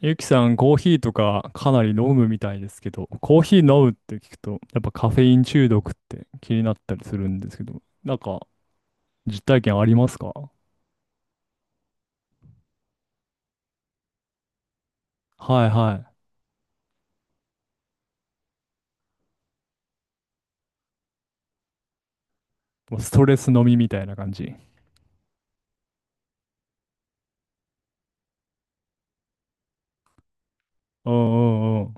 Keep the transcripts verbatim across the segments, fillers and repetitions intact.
ゆきさん、コーヒーとかかなり飲むみたいですけど、コーヒー飲むって聞くと、やっぱカフェイン中毒って気になったりするんですけど、なんか実体験ありますか？はいはい。もうストレス飲みみたいな感じ。うんうん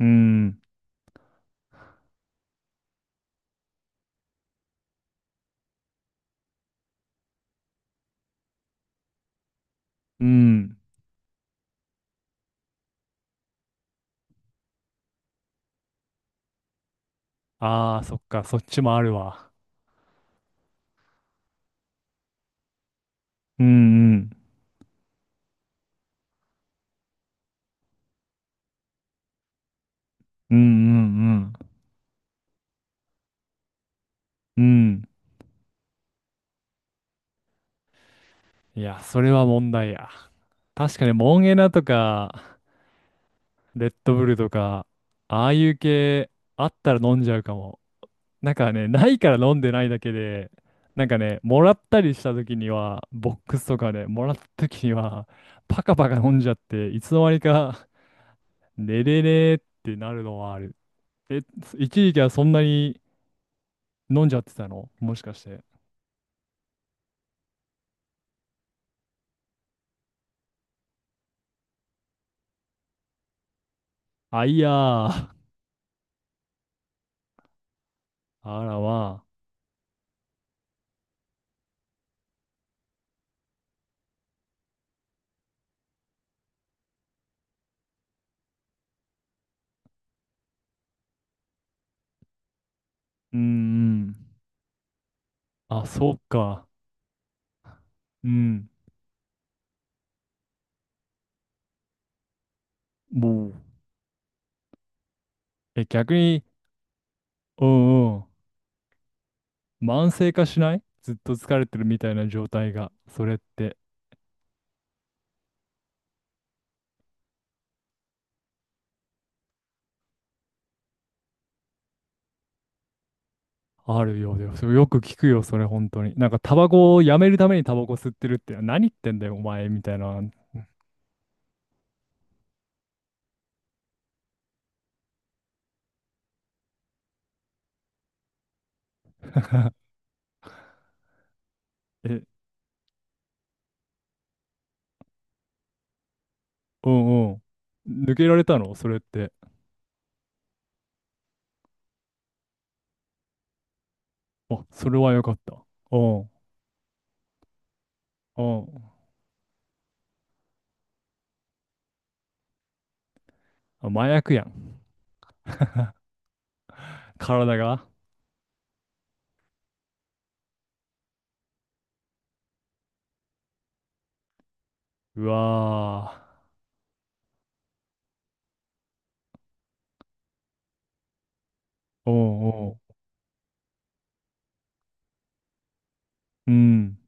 うん。うん。うん。ああ、そっか、そっちもあるわ。うんうん。うんうんうん。うん。いや、それは問題や。確かにモンエナとか、レッドブルとか、ああいう系あったら飲んじゃうかも。なんかね、ないから飲んでないだけで、なんかね、もらったりした時には、ボックスとかね、もらった時には、パカパカ飲んじゃって、いつの間にか、寝れねえってなるのはある。え、一時期はそんなに飲んじゃってたのもしかして？あ、いやー。あらまあ。うんうん。あ、そうか。うん。もう。え、逆に、うんうん、慢性化しないずっと疲れてるみたいな状態が、それって。あるようだよ。それよく聞くよ、それ本当に。なんか、タバコをやめるためにタバコ吸ってるって、何言ってんだよ、お前、みたいな。え、うんうん。抜けられたのそれって？あ、それはよかった。うんうん。あ、麻薬やん。体が。うわー。うんうん。うん。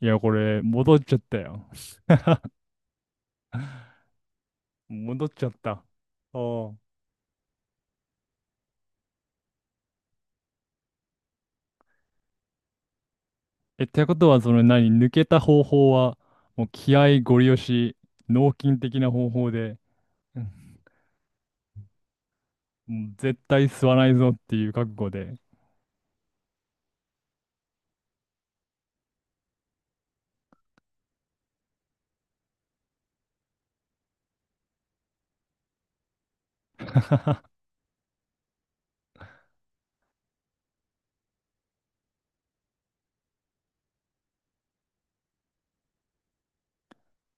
いや、これ、戻っちゃったよ。戻っちゃった。おん。え、ってことは、その何、抜けた方法は、もう気合ゴリ押し、脳筋的な方法で、もう絶対吸わないぞっていう覚悟で。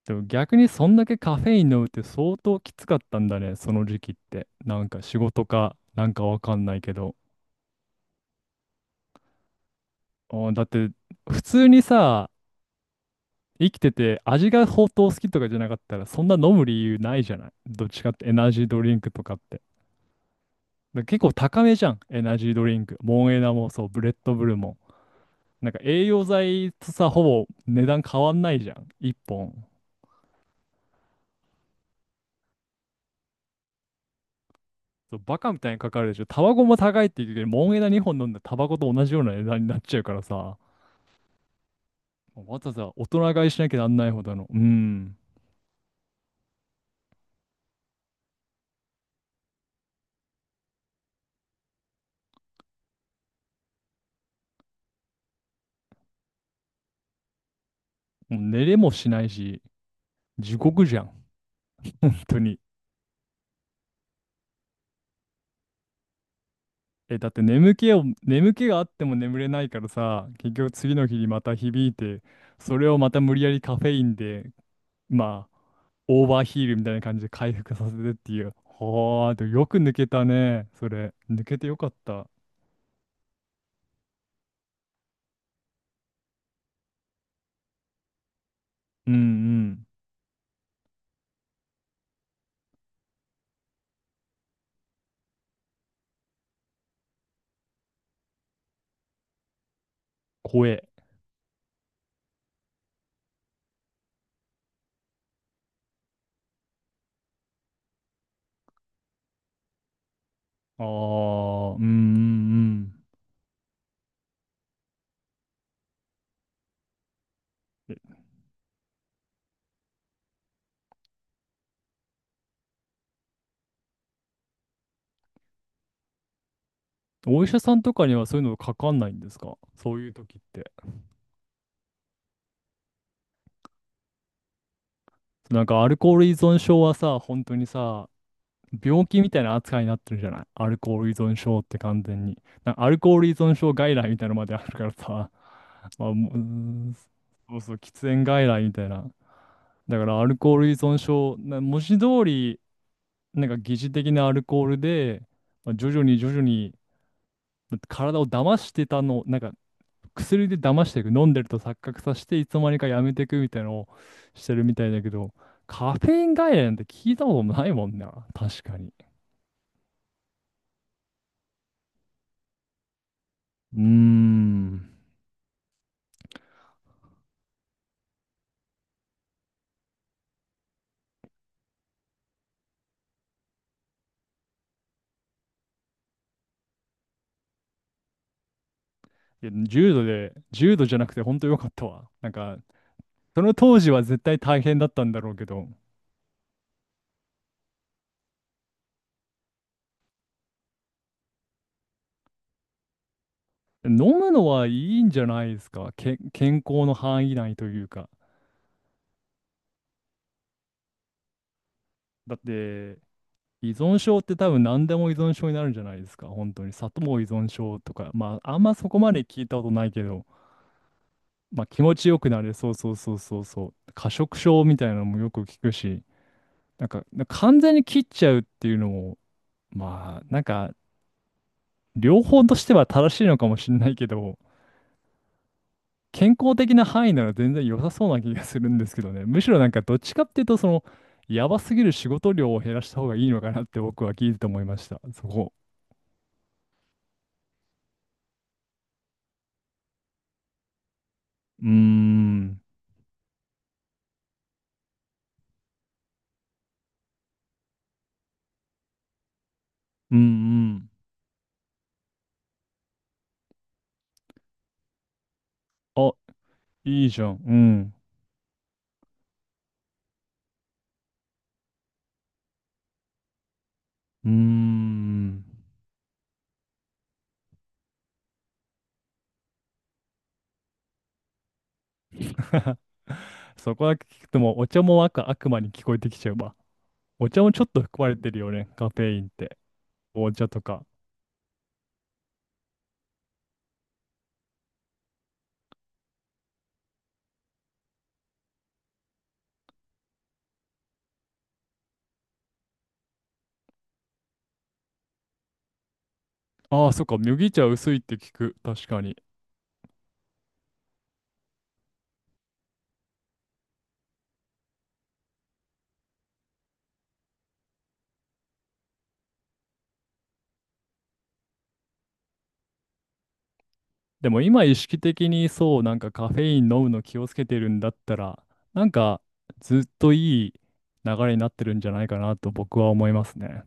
でも逆にそんだけカフェイン飲むって相当きつかったんだね、その時期って。なんか仕事か、なんかわかんないけど。うん、だって普通にさ、生きてて味が相当好きとかじゃなかったらそんな飲む理由ないじゃない。どっちかってエナジードリンクとかって。だ結構高めじゃん、エナジードリンク。モンエナもそう、ブレッドブルも。なんか栄養剤とさ、ほぼ値段変わんないじゃん、いっぽん。そう、バカみたいにかかるでしょ。タバコも高いって言うけど、モン枝にほん飲んでタバコと同じような値段になっちゃうからさ、わざわざ大人買いしなきゃなんないほどの、うん、もう寝れもしないし、地獄じゃん、本当に。え、だって眠気を、眠気があっても眠れないからさ、結局次の日にまた響いて、それをまた無理やりカフェインで、まあ、オーバーヒールみたいな感じで回復させてっていう。はあ、でもよく抜けたね、それ。抜けてよかった。うんうん。怖え。ああ、うんうんうん。えお医者さんとかにはそういうのかかんないんですか、そういう時って。なんかアルコール依存症はさ、本当にさ、病気みたいな扱いになってるじゃない、アルコール依存症って完全に。なんかアルコール依存症外来みたいなのまであるからさ、まあ、もう、うーん、そうそう、喫煙外来みたいな。だからアルコール依存症、な文字通り、なんか疑似的なアルコールで、まあ徐々に徐々に、体を騙してたの、なんか薬で騙していく、飲んでると錯覚させて、いつの間にかやめていくみたいなのをしてるみたいだけど、カフェイン外来なんて聞いたこともないもんな、確かに。うーん。いや、重度で、重度じゃなくて本当よかったわ。なんか、その当時は絶対大変だったんだろうけど、飲むのはいいんじゃないですか、け、健康の範囲内というか。だって、依存症って多分何でも依存症になるんじゃないですか、本当に。砂糖依存症とか、まあ、あんまそこまで聞いたことないけど。まあ気持ちよくなれる。そうそうそうそうそう。過食症みたいなのもよく聞くし、なんか、なんか完全に切っちゃうっていうのも、まあなんか両方としては正しいのかもしれないけど、健康的な範囲なら全然良さそうな気がするんですけどね。むしろなんかどっちかっていうと、その、やばすぎる仕事量を減らした方がいいのかなって僕は聞いてて思いました。そこ。うーん。うんうん。あ、いいじゃん。うん。うーん。そこだけ聞くともうお茶も悪、悪魔に聞こえてきちゃうわ。お茶もちょっと含まれてるよね、カフェインって。お茶とか。ああ、そっか、麦茶薄いって聞く。確かに。でも今意識的にそう、なんかカフェイン飲むの気をつけてるんだったら、なんかずっといい流れになってるんじゃないかなと僕は思いますね。